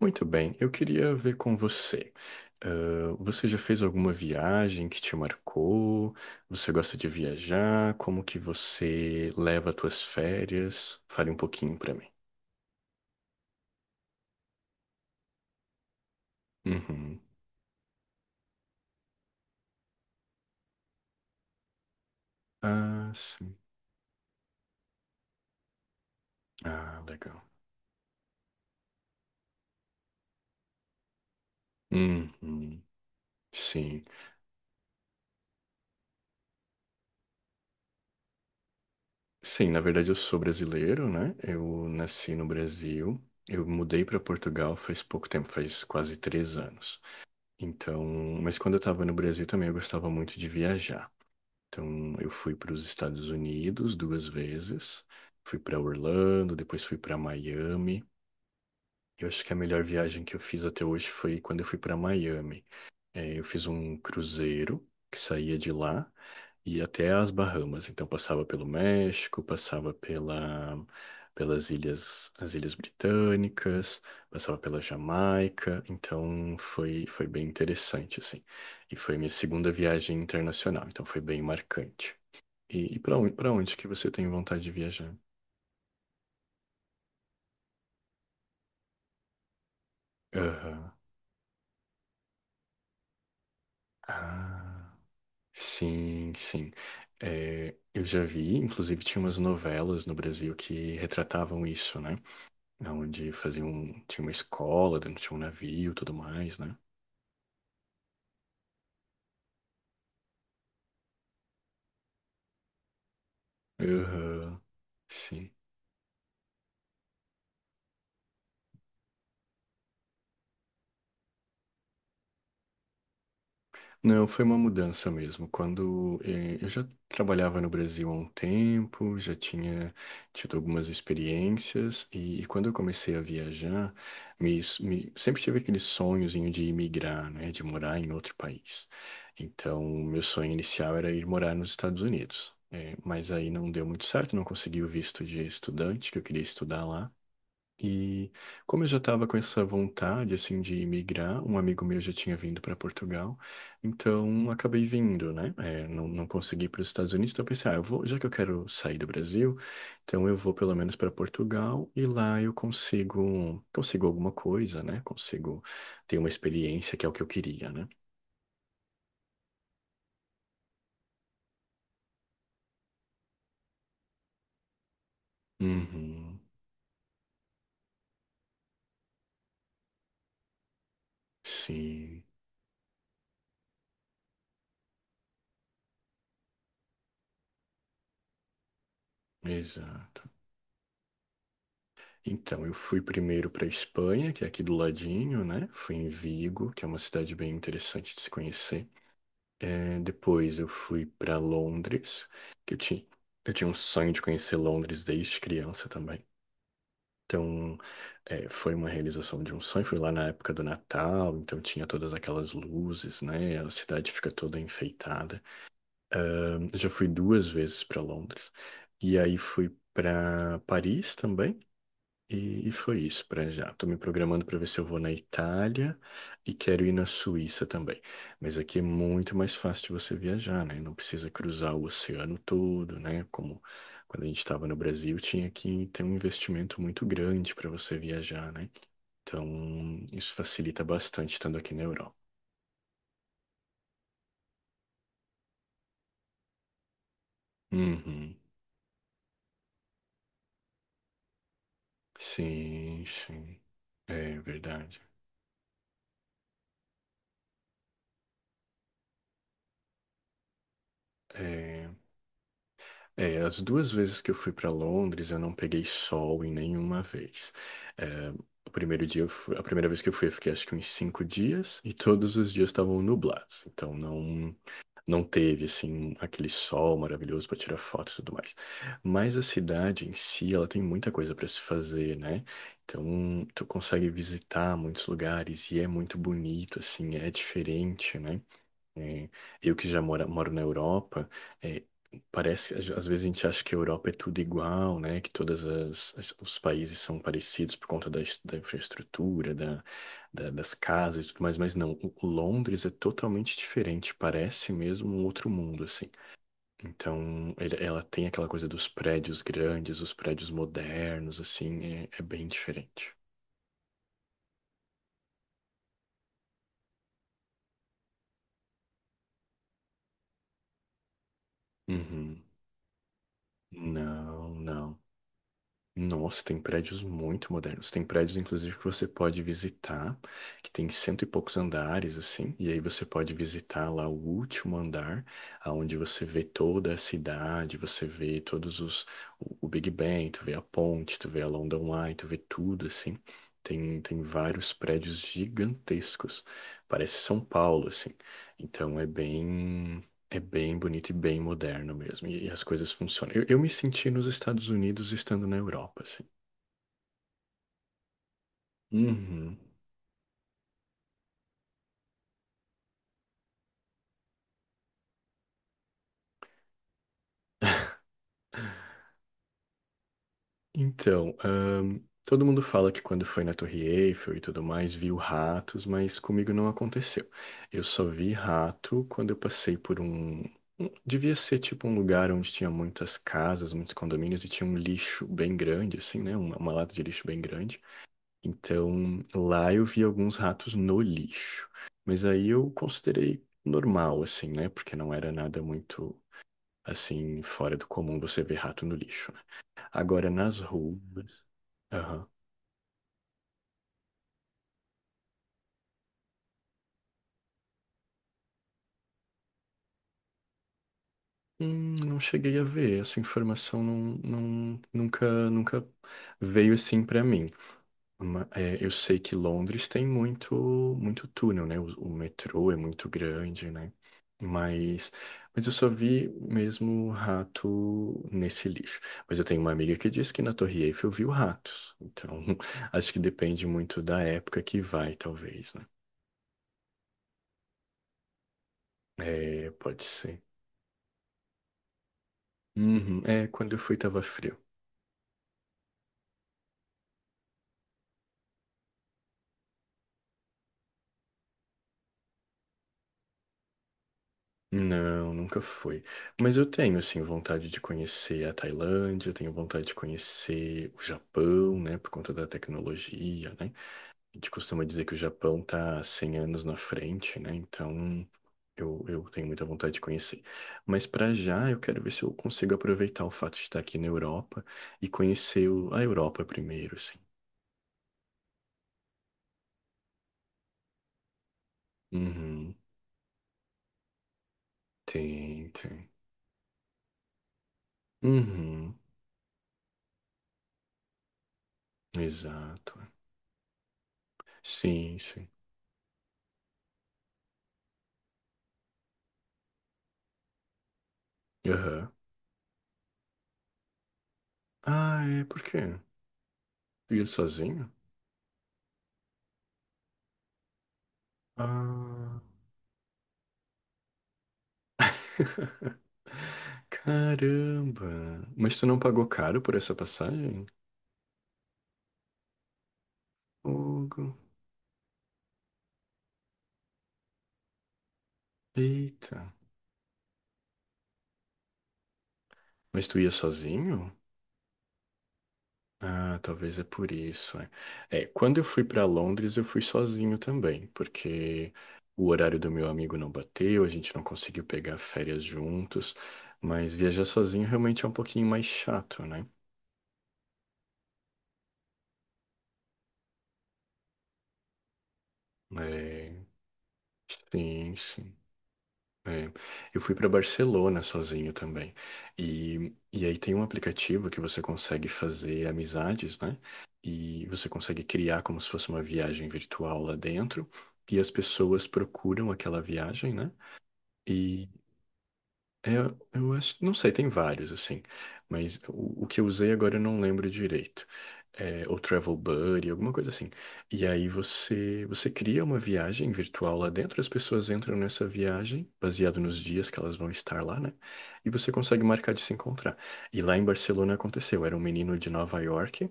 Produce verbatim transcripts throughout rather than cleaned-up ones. Muito bem, eu queria ver com você. Ah, você já fez alguma viagem que te marcou? Você gosta de viajar? Como que você leva suas férias? Fale um pouquinho pra mim. Uhum. Ah, sim. Ah, legal. Uhum. Sim. Sim, na verdade eu sou brasileiro, né? Eu nasci no Brasil. Eu mudei para Portugal faz pouco tempo, faz quase três anos. Então, mas quando eu estava no Brasil também eu gostava muito de viajar. Então, eu fui para os Estados Unidos duas vezes, fui para Orlando, depois fui para Miami. Eu acho que a melhor viagem que eu fiz até hoje foi quando eu fui para Miami. É, eu fiz um cruzeiro que saía de lá e ia até as Bahamas. Então, passava pelo México, passava pela, pelas ilhas, as Ilhas Britânicas, passava pela Jamaica. Então, foi, foi bem interessante, assim. E foi minha segunda viagem internacional, então foi bem marcante. E, e para onde, para onde que você tem vontade de viajar? Aham. Ah, sim, sim. É, eu já vi, inclusive tinha umas novelas no Brasil que retratavam isso, né? Onde faziam, tinha uma escola, dentro tinha um navio, e tudo mais, né? Aham. Sim. Não, foi uma mudança mesmo. Quando eh, eu já trabalhava no Brasil há um tempo, já tinha tido algumas experiências, e, e quando eu comecei a viajar, me, s- me- sempre tive aquele sonhozinho de imigrar, né, de morar em outro país. Então, meu sonho inicial era ir morar nos Estados Unidos. eh, mas aí não deu muito certo, não consegui o visto de estudante que eu queria estudar lá. E como eu já estava com essa vontade, assim, de migrar, um amigo meu já tinha vindo para Portugal, então acabei vindo, né? É, não, não consegui ir para os Estados Unidos, então eu pensei, ah, eu vou, já que eu quero sair do Brasil, então eu vou pelo menos para Portugal e lá eu consigo, consigo alguma coisa, né? Consigo ter uma experiência que é o que eu queria, né? Uhum, sim, exato. Então, eu fui primeiro para Espanha, que é aqui do ladinho, né? Fui em Vigo, que é uma cidade bem interessante de se conhecer. É, depois eu fui para Londres, que eu tinha, eu tinha um sonho de conhecer Londres desde criança também. Então, é, foi uma realização de um sonho. Fui lá na época do Natal, então tinha todas aquelas luzes, né? A cidade fica toda enfeitada. Eu já fui duas vezes para Londres. E aí fui para Paris também. E, e foi isso para já. Tô me programando para ver se eu vou na Itália e quero ir na Suíça também. Mas aqui é muito mais fácil de você viajar, né? Não precisa cruzar o oceano todo, né? Como quando a gente estava no Brasil, tinha que ter um investimento muito grande para você viajar, né? Então, isso facilita bastante estando aqui na Europa. Uhum. Sim, sim. É verdade. É, É, as duas vezes que eu fui para Londres, eu não peguei sol em nenhuma vez. É, o primeiro dia, eu fui- a primeira vez que eu fui, eu fiquei acho que uns cinco dias e todos os dias estavam nublados. Então não não teve assim aquele sol maravilhoso para tirar foto e tudo mais. Mas a cidade em si, ela tem muita coisa para se fazer, né? Então tu consegue visitar muitos lugares e é muito bonito, assim, é diferente, né? É, eu que já mora, moro na Europa, é, parece que às às vezes a gente acha que a Europa é tudo igual, né? Que todas as, as- os países são parecidos por conta da, es- da infraestrutura, da, da- das casas e tudo mais, mas não. O o Londres é totalmente diferente, parece mesmo um outro mundo, assim. Então, ele- ela tem aquela coisa dos prédios grandes, os prédios modernos, assim, é, é bem diferente. Uhum. Não, não. Nossa, tem prédios muito modernos. Tem prédios, inclusive, que você pode visitar, que tem cento e poucos andares, assim, e aí você pode visitar lá o último andar, aonde você vê toda a cidade, você vê todos os, o, o Big Ben, tu vê a ponte, tu vê a London Eye, tu vê tudo, assim. Tem, tem vários prédios gigantescos. Parece São Paulo, assim. Então é bem. É bem bonito e bem moderno mesmo. E, e as coisas funcionam. Eu, eu me senti nos Estados Unidos estando na Europa, assim. Uhum. Então, ahn, todo mundo fala que quando foi na Torre Eiffel e tudo mais, viu ratos, mas comigo não aconteceu. Eu só vi rato quando eu passei por um. um- Devia ser tipo um lugar onde tinha muitas casas, muitos condomínios e tinha um lixo bem grande, assim, né? Uma, uma lata de lixo bem grande. Então, lá eu vi alguns ratos no lixo. Mas aí eu considerei normal, assim, né? Porque não era nada muito, assim, fora do comum você ver rato no lixo. né? Agora, nas ruas. Aham. Hum, não cheguei a ver. Essa informação não, não, nunca, nunca veio assim pra mim. Ma- é, eu sei que Londres tem muito, muito túnel, né? O, o metrô é muito grande, né? Mas, mas eu só vi mesmo rato nesse lixo. Mas eu tenho uma amiga que disse que na Torre Eiffel viu ratos. Então, acho que depende muito da época que vai, talvez, né? É, pode ser. Uhum. É, quando eu fui tava frio. Não, nunca fui. Mas eu tenho, assim, vontade de conhecer a Tailândia, eu tenho vontade de conhecer o Japão, né, por conta da tecnologia, né? A gente costuma dizer que o Japão tá cem anos na frente, né? Então, eu, eu tenho muita vontade de conhecer. Mas para já, eu quero ver se eu consigo aproveitar o fato de estar aqui na Europa e conhecer o- a Europa primeiro, assim. Uhum, tem, tem. Uhum, exato. Sim, sim. Aham. Ah, é, por quê? Viu sozinho? Ah, caramba! Mas tu não pagou caro por essa passagem? Hugo. Eita. Mas tu ia sozinho? Ah, talvez é por isso. É, É, quando eu fui para Londres, eu fui sozinho também, porque o horário do meu amigo não bateu, a gente não conseguiu pegar férias juntos, mas viajar sozinho realmente é um pouquinho mais chato, né? É, sim, sim. É, eu fui para Barcelona sozinho também. E, e aí tem um aplicativo que você consegue fazer amizades, né? E você consegue criar como se fosse uma viagem virtual lá dentro. E as pessoas procuram aquela viagem, né? É, eu acho, não sei, tem vários, assim, mas o, o que eu usei agora eu não lembro direito. É, ou Travel Buddy, alguma coisa assim. E aí você, você cria uma viagem virtual lá dentro, as pessoas entram nessa viagem, baseado nos dias que elas vão estar lá, né? E você consegue marcar de se encontrar. E lá em Barcelona aconteceu, era um menino de Nova York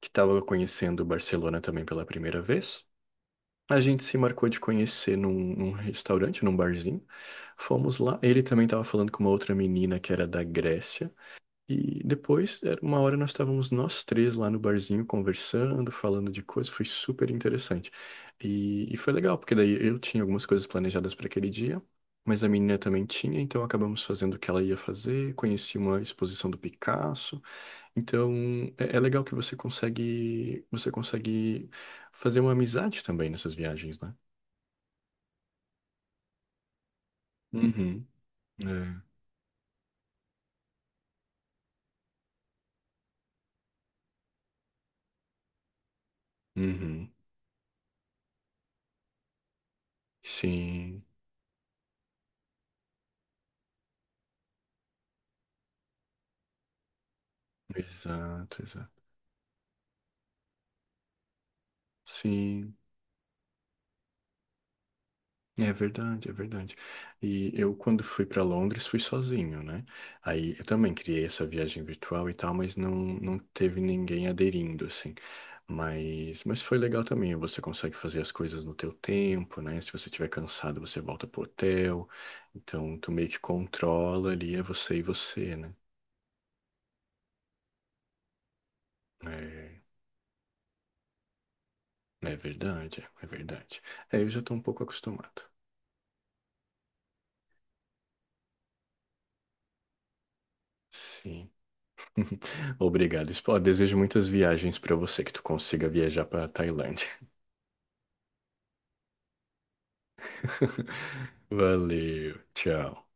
que estava conhecendo Barcelona também pela primeira vez. A gente se marcou de conhecer num, num restaurante, num barzinho. Fomos lá. Ele também estava falando com uma outra menina que era da Grécia. E depois, era uma hora, nós estávamos nós três lá no barzinho conversando, falando de coisas. Foi super interessante. E, e foi legal, porque daí eu tinha algumas coisas planejadas para aquele dia, mas a menina também tinha, então acabamos fazendo o que ela ia fazer. Conheci uma exposição do Picasso. Então, é, é legal que você consegue, você consegue fazer uma amizade também nessas viagens, né? Uhum, é, uhum, sim, exato, exato, sim, é verdade, é verdade. E eu, quando fui para Londres, fui sozinho, né? Aí eu também criei essa viagem virtual e tal, mas não, não teve ninguém aderindo, assim. Mas, mas foi legal também, você consegue fazer as coisas no teu tempo, né? Se você estiver cansado, você volta pro hotel. Então, tu meio que controla ali, é você e você, né? É. É verdade, é verdade. É, eu já estou um pouco acostumado. Sim. Obrigado. Espo- Desejo muitas viagens para você, que tu consiga viajar para Tailândia. Valeu, tchau.